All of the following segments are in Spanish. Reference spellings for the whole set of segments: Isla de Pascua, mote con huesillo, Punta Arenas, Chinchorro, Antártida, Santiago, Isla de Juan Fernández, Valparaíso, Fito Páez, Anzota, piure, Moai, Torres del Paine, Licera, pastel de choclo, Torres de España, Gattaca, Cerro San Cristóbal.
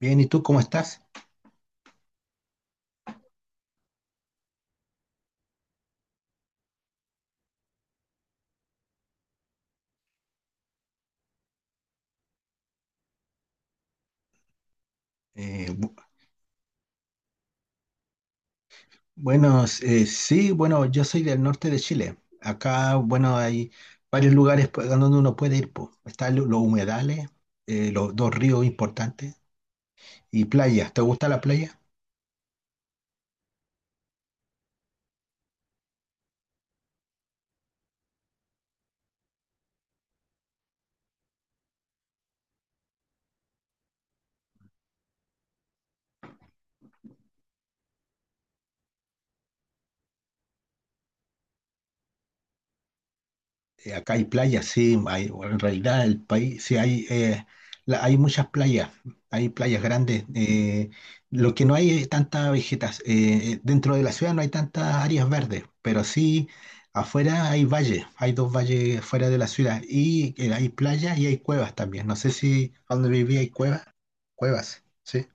Bien, ¿y tú cómo estás? Eh, bu- bueno, sí, bueno, yo soy del norte de Chile. Acá, bueno, hay varios lugares pues, a donde uno puede ir, po. Están los humedales, los dos ríos importantes y playas. ¿Te gusta la playa? Acá hay playas, sí, hay, en realidad el país, sí, hay, hay muchas playas, hay playas grandes. Lo que no hay es tanta vegetación, dentro de la ciudad no hay tantas áreas verdes, pero sí afuera hay valles, hay dos valles fuera de la ciudad y hay playas y hay cuevas también. No sé si donde viví hay cuevas, cuevas, sí.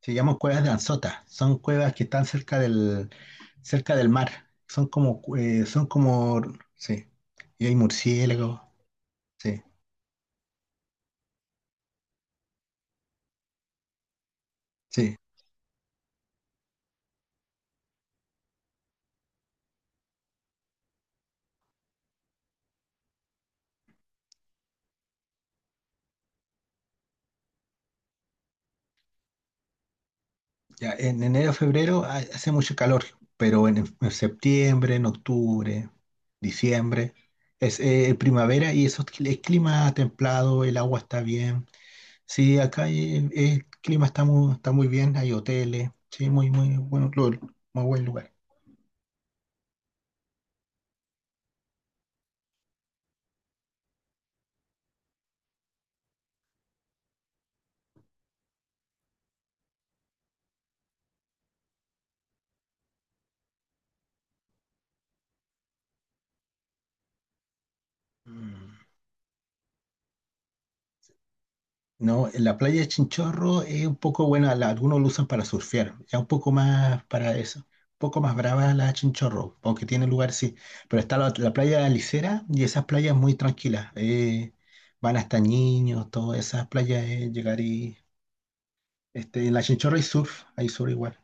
Se llaman cuevas de Anzota, son cuevas que están cerca del mar. Son como, sí. Y hay murciélagos, sí, sí. Ya, en enero, febrero hace mucho calor, pero en septiembre, en octubre, diciembre, es primavera y eso, es es clima templado, el agua está bien. Sí, acá hay, el clima está muy bien, hay hoteles, sí, muy, muy bueno, muy buen lugar. Mm. No, en la playa de Chinchorro es un poco buena, algunos lo usan para surfear, ya un poco más para eso, un poco más brava la de Chinchorro, aunque tiene lugar, sí, pero está la playa de la Licera y esas playas muy tranquilas, van hasta niños, todas esas playas, llegar y, este, en la Chinchorro hay surf igual,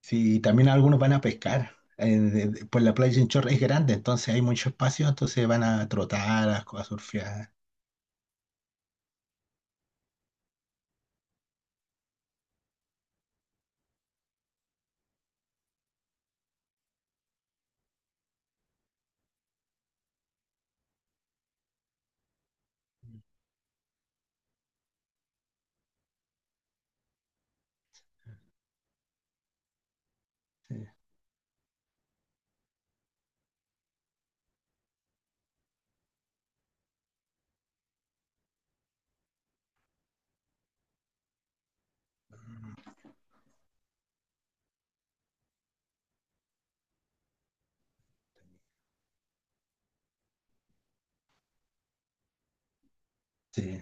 sí, y también algunos van a pescar, pues la playa de Chinchorro es grande, entonces hay mucho espacio, entonces van a trotar, a surfear, sí, sí,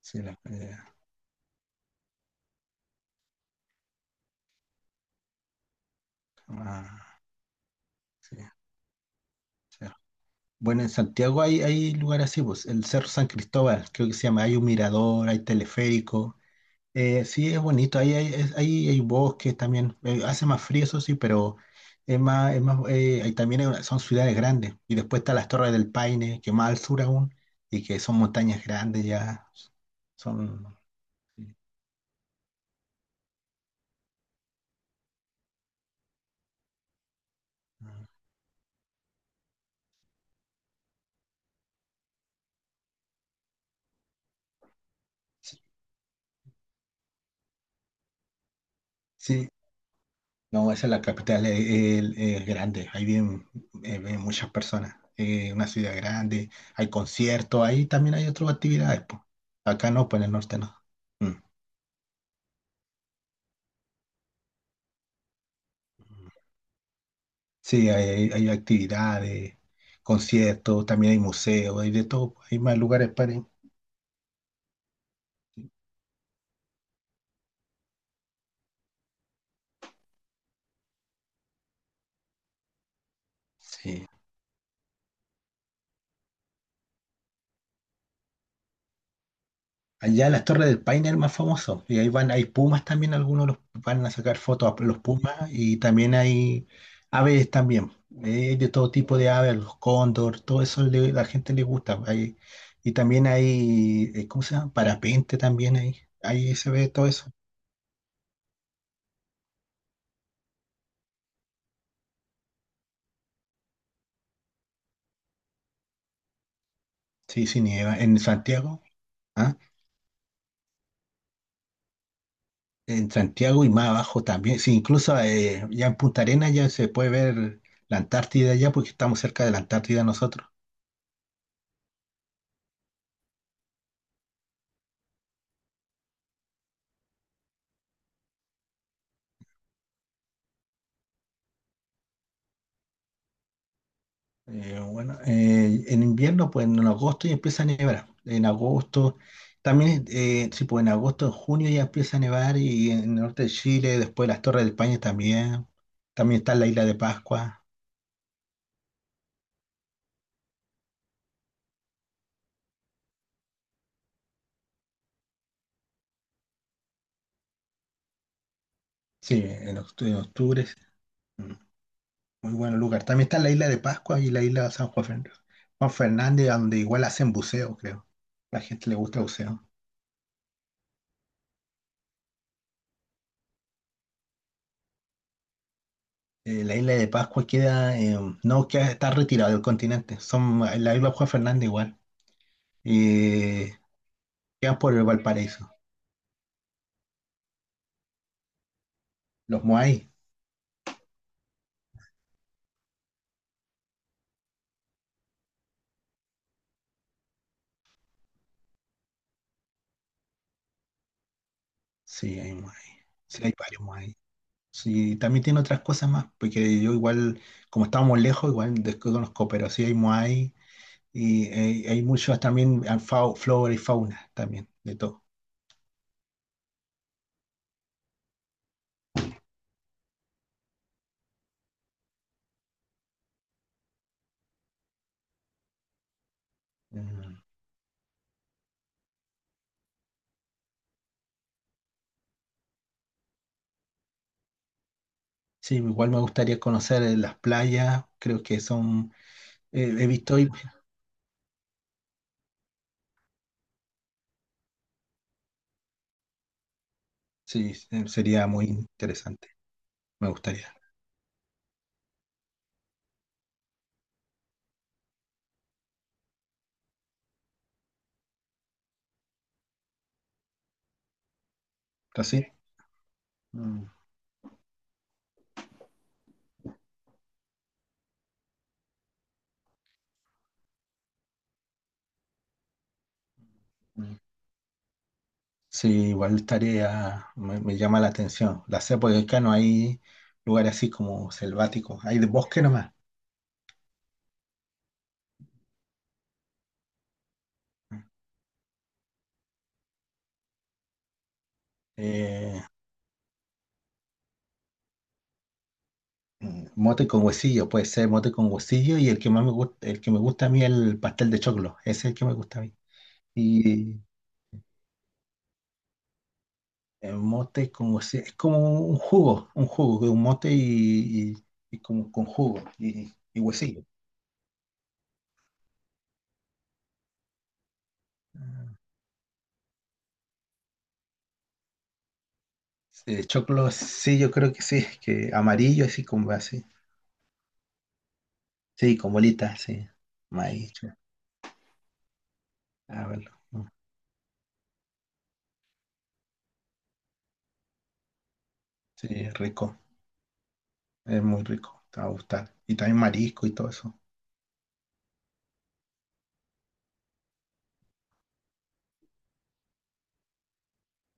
sí, la playa, ah, sí. Sí. Bueno, en Santiago hay, hay lugares así, pues, el Cerro San Cristóbal, creo que se llama, hay un mirador, hay teleférico. Sí, es bonito, ahí hay, ahí hay bosques también, hace más frío, eso sí, pero es más, ahí también hay una, son ciudades grandes. Y después están las Torres del Paine, que más al sur aún, y que son montañas grandes ya, son... Sí, sí. No, esa es la capital, es grande, ahí viven, viven muchas personas, es una ciudad grande, hay conciertos, ahí también hay otras actividades, po. Acá no, pues en el norte no. Mm. Sí, hay actividades, conciertos, también hay museos, hay de todo, hay más lugares para ir. Sí. Allá las Torres del Paine es el más famoso. Y ahí van, hay pumas también, algunos los van a sacar fotos a los pumas y también hay aves también. De todo tipo de aves, los cóndor, todo eso la gente le gusta. Hay, y también hay, ¿cómo se llama? Parapente también ahí. Ahí se ve todo eso. Sí, sí, nieva. En Santiago, ¿ah? En Santiago y más abajo también. Sí, incluso ya en Punta Arenas ya se puede ver la Antártida ya porque estamos cerca de la Antártida nosotros. Bueno, en invierno, pues en agosto ya empieza a nevar. En agosto, también, sí, pues en agosto, en junio ya empieza a nevar y en el norte de Chile, después las Torres de España también. También está la isla de Pascua, sí, en, en octubre. Sí. Mm, muy buen lugar. También está la isla de Pascua y la isla de San Juan Fernández, Juan Fernández, donde igual hacen buceo, creo. La gente le gusta el buceo. La isla de Pascua queda, no, queda, está retirada del continente. Son, la isla de Juan Fernández igual. Eh, Quedan por el Valparaíso. Los Moai. Sí, hay varios Moai. Sí, también tiene otras cosas más, porque yo igual, como estábamos lejos, igual desconozco, pero sí hay Moai y hay muchos también, ah, flora y fauna también, de todo. Mm. Sí, igual me gustaría conocer las playas, creo que son, he visto, y sí, sería muy interesante, me gustaría. ¿Así? Mm, mm. Sí, igual tarea me, me llama la atención. La sé porque acá no hay lugares así como selváticos, hay de bosque nomás. Eh, mm, mote con huesillo, puede ser mote con huesillo y el que más me gusta, el que me gusta a mí es el pastel de choclo, ese es el que me gusta a mí. Y el mote con huesillo, es como un jugo, de un mote y como con jugo y huesillo. Choclo, sí, yo creo que sí, que amarillo así como así, sí, con bolitas, sí. Maíz. Ah, bueno. Mm. Sí, es rico. Es muy rico. Te va a gustar. Y también marisco y todo eso.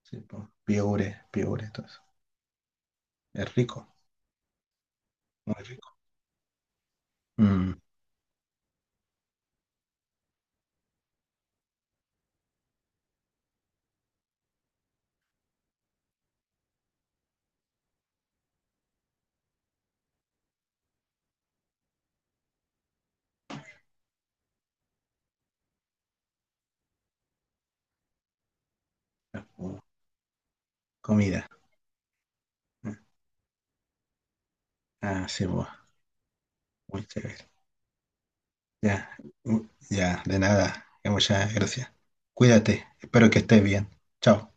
Sí, pues, piure, piure, todo eso. Es rico, muy rico. Mm, uh, comida. Mm, ah, sí, pues, muy chévere. Ya, ya, de nada. Ya, muchas gracias. Cuídate. Espero que estés bien. Chao.